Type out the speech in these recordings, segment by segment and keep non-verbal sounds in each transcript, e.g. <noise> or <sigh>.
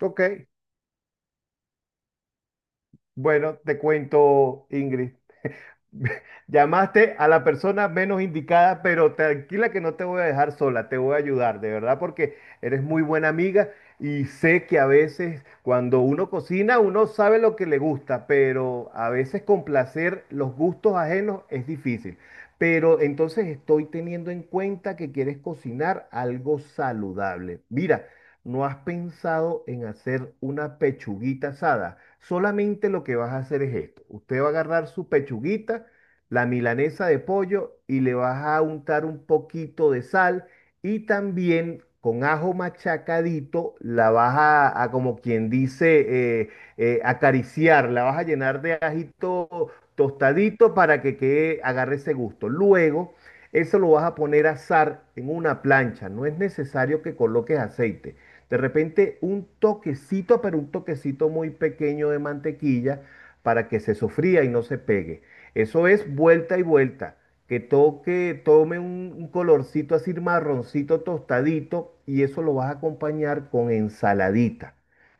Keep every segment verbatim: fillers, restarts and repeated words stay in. Ok, bueno, te cuento, Ingrid. <laughs> Llamaste a la persona menos indicada, pero tranquila que no te voy a dejar sola, te voy a ayudar, de verdad, porque eres muy buena amiga y sé que a veces cuando uno cocina, uno sabe lo que le gusta, pero a veces complacer los gustos ajenos es difícil. Pero entonces estoy teniendo en cuenta que quieres cocinar algo saludable. Mira. ¿No has pensado en hacer una pechuguita asada? Solamente lo que vas a hacer es esto. Usted va a agarrar su pechuguita, la milanesa de pollo y le vas a untar un poquito de sal y también con ajo machacadito la vas a, a como quien dice, eh, eh, acariciar, la vas a llenar de ajito tostadito para que quede, agarre ese gusto. Luego, eso lo vas a poner a asar en una plancha. No es necesario que coloques aceite. De repente un toquecito, pero un toquecito muy pequeño de mantequilla para que se sofría y no se pegue. Eso es vuelta y vuelta. Que toque, tome un, un colorcito así marroncito tostadito y eso lo vas a acompañar con ensaladita.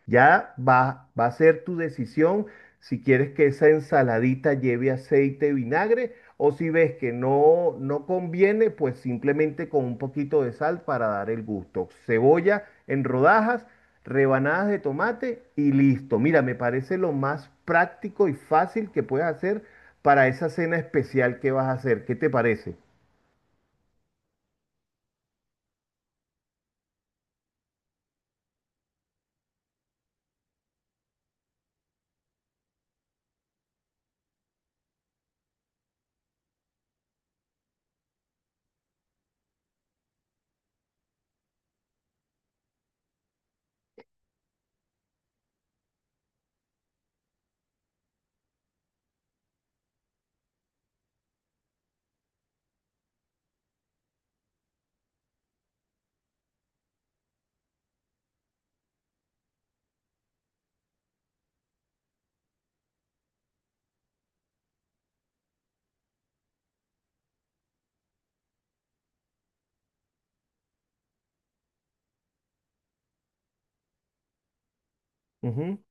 Ya va, va a ser tu decisión si quieres que esa ensaladita lleve aceite y vinagre, o si ves que no, no conviene, pues simplemente con un poquito de sal para dar el gusto. Cebolla en rodajas, rebanadas de tomate y listo. Mira, me parece lo más práctico y fácil que puedes hacer para esa cena especial que vas a hacer. ¿Qué te parece? Ujú.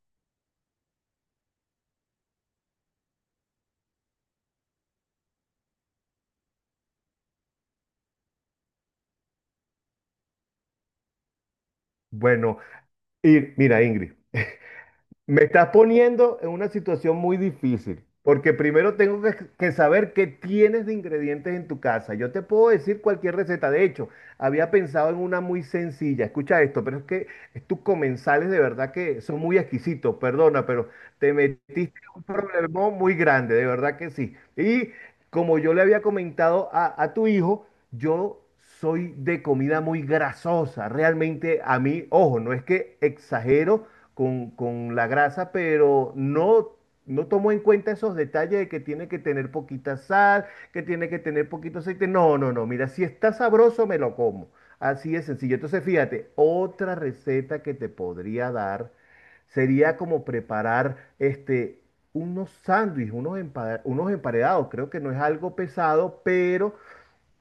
Bueno, y mira, Ingrid. Me estás poniendo en una situación muy difícil, porque primero tengo que, que saber qué tienes de ingredientes en tu casa. Yo te puedo decir cualquier receta. De hecho, había pensado en una muy sencilla. Escucha esto, pero es que tus comensales de verdad que son muy exquisitos. Perdona, pero te metiste en un problemón muy grande, de verdad que sí. Y como yo le había comentado a, a tu hijo, yo soy de comida muy grasosa. Realmente a mí, ojo, no es que exagero con, con la grasa, pero no, no tomo en cuenta esos detalles de que tiene que tener poquita sal, que tiene que tener poquito aceite. No, no, no. Mira, si está sabroso, me lo como. Así es sencillo. Entonces, fíjate, otra receta que te podría dar sería como preparar este, unos sándwiches, unos, empa- unos emparedados. Creo que no es algo pesado, pero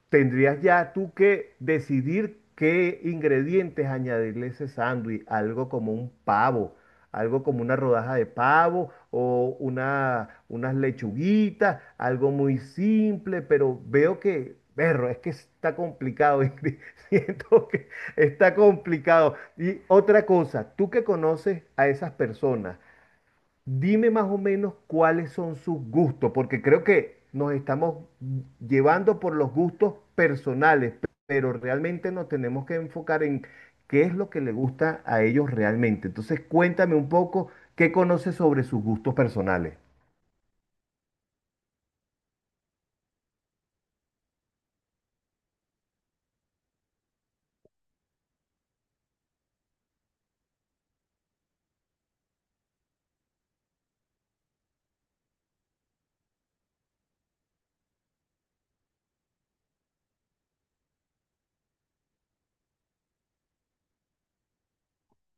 tendrías ya tú que decidir qué ingredientes añadirle a ese sándwich, algo como un pavo, algo como una rodaja de pavo o una, unas lechuguitas, algo muy simple, pero veo que, perro, es que está complicado, <laughs> Ingrid, siento que está complicado. Y otra cosa, tú que conoces a esas personas, dime más o menos cuáles son sus gustos, porque creo que nos estamos llevando por los gustos personales, pero realmente nos tenemos que enfocar en qué es lo que le gusta a ellos realmente. Entonces, cuéntame un poco qué conoces sobre sus gustos personales.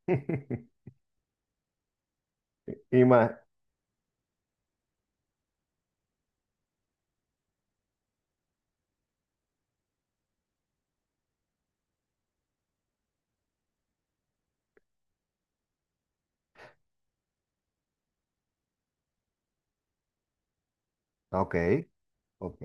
<laughs> Y más. Ok, ok.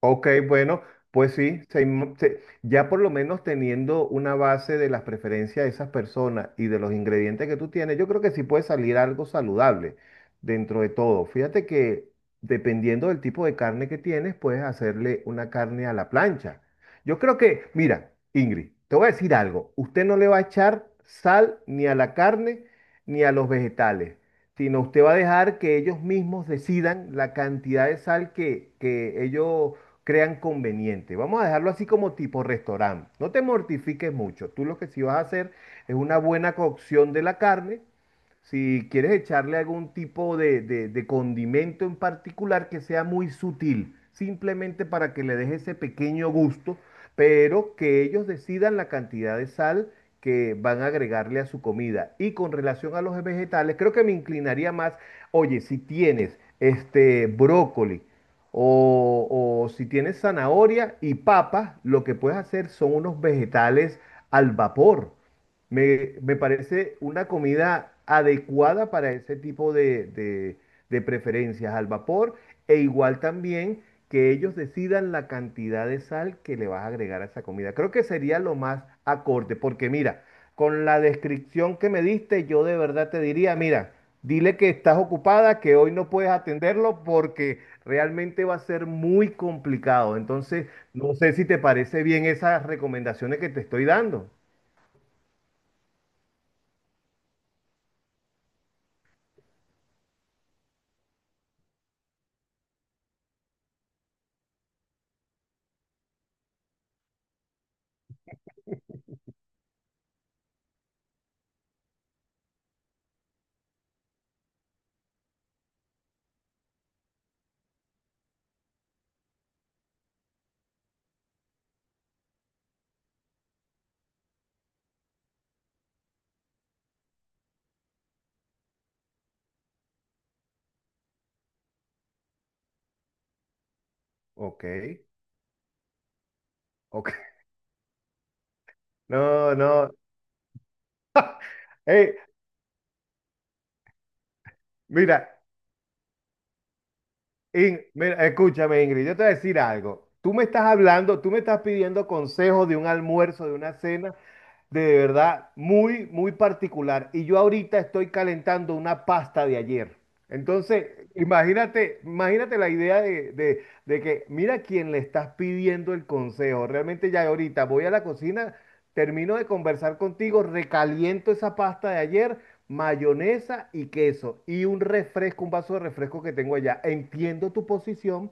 Ok, bueno, pues sí, se inmo- se- ya por lo menos teniendo una base de las preferencias de esas personas y de los ingredientes que tú tienes, yo creo que sí puede salir algo saludable dentro de todo. Fíjate que dependiendo del tipo de carne que tienes, puedes hacerle una carne a la plancha. Yo creo que, mira, Ingrid, te voy a decir algo, usted no le va a echar sal ni a la carne ni a los vegetales sino usted va a dejar que ellos mismos decidan la cantidad de sal que, que ellos crean conveniente. Vamos a dejarlo así como tipo restaurante. No te mortifiques mucho. Tú lo que sí vas a hacer es una buena cocción de la carne si quieres echarle algún tipo de, de- de condimento en particular que sea muy sutil, simplemente para que le deje ese pequeño gusto, pero que ellos decidan la cantidad de sal que van a agregarle a su comida. Y con relación a los vegetales, creo que me inclinaría más, oye, si tienes este brócoli o, o si tienes zanahoria y papas, lo que puedes hacer son unos vegetales al vapor. Me, me parece una comida adecuada para ese tipo de, de- de preferencias al vapor e igual también que ellos decidan la cantidad de sal que le vas a agregar a esa comida. Creo que sería lo más acorde, porque mira, con la descripción que me diste, yo de verdad te diría, mira, dile que estás ocupada, que hoy no puedes atenderlo porque realmente va a ser muy complicado. Entonces, no sé si te parece bien esas recomendaciones que te estoy dando. Ok. Ok. No, no. <laughs> Ey, mira, In- mira, escúchame, Ingrid, yo te voy a decir algo. Tú me estás hablando, tú me estás pidiendo consejos de un almuerzo, de una cena, de verdad muy, muy particular. Y yo ahorita estoy calentando una pasta de ayer. Entonces, imagínate, imagínate la idea de, de- de que mira quién le estás pidiendo el consejo. Realmente ya ahorita voy a la cocina, termino de conversar contigo, recaliento esa pasta de ayer, mayonesa y queso y un refresco, un vaso de refresco que tengo allá. Entiendo tu posición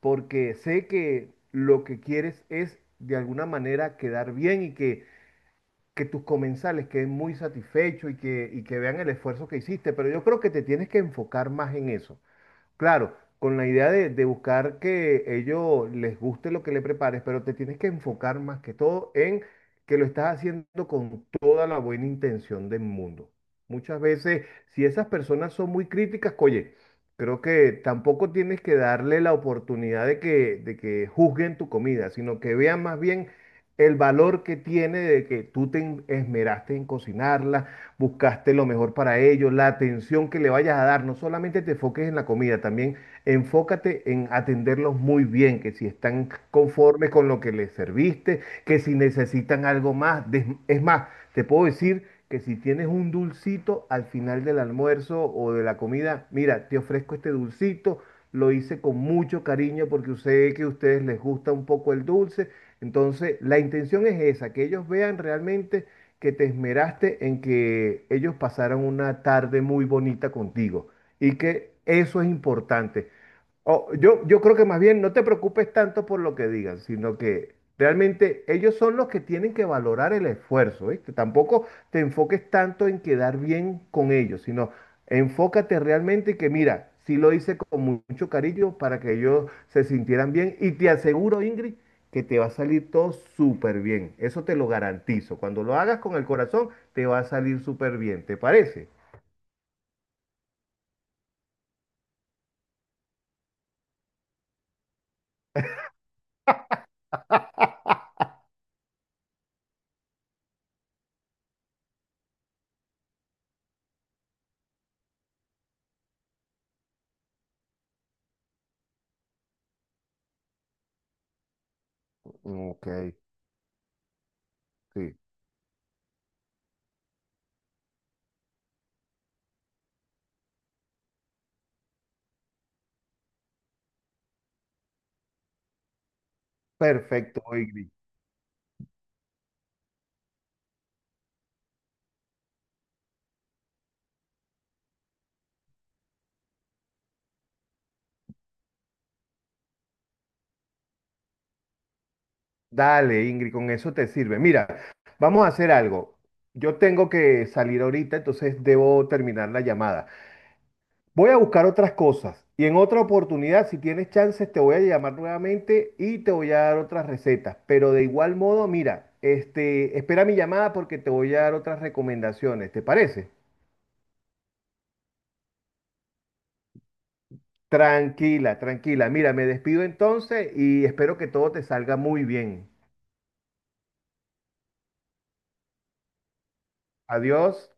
porque sé que lo que quieres es de alguna manera quedar bien y que que tus comensales queden muy satisfechos y que, y que vean el esfuerzo que hiciste, pero yo creo que te tienes que enfocar más en eso. Claro, con la idea de, de buscar que ellos les guste lo que le prepares, pero te tienes que enfocar más que todo en que lo estás haciendo con toda la buena intención del mundo. Muchas veces, si esas personas son muy críticas, oye, creo que tampoco tienes que darle la oportunidad de que, de que juzguen tu comida, sino que vean más bien el valor que tiene de que tú te esmeraste en cocinarla, buscaste lo mejor para ellos, la atención que le vayas a dar. No solamente te enfoques en la comida, también enfócate en atenderlos muy bien, que si están conformes con lo que les serviste, que si necesitan algo más. Des- Es más, te puedo decir que si tienes un dulcito al final del almuerzo o de la comida, mira, te ofrezco este dulcito. Lo hice con mucho cariño porque sé que a ustedes les gusta un poco el dulce. Entonces, la intención es esa, que ellos vean realmente que te esmeraste en que ellos pasaran una tarde muy bonita contigo y que eso es importante. O- yo, yo creo que más bien no te preocupes tanto por lo que digan, sino que realmente ellos son los que tienen que valorar el esfuerzo, ¿viste? Tampoco te enfoques tanto en quedar bien con ellos, sino enfócate realmente que mira, sí lo hice con mu- mucho cariño para que ellos se sintieran bien y te aseguro, Ingrid, que te va a salir todo súper bien. Eso te lo garantizo. Cuando lo hagas con el corazón, te va a salir súper bien, ¿te parece? Ok, sí. Perfecto, Ingrid. Dale, Ingrid, con eso te sirve. Mira, vamos a hacer algo. Yo tengo que salir ahorita, entonces debo terminar la llamada. Voy a buscar otras cosas y en otra oportunidad, si tienes chances, te voy a llamar nuevamente y te voy a dar otras recetas. Pero de igual modo, mira, este, espera mi llamada porque te voy a dar otras recomendaciones. ¿Te parece? Tranquila, tranquila. Mira, me despido entonces y espero que todo te salga muy bien. Adiós.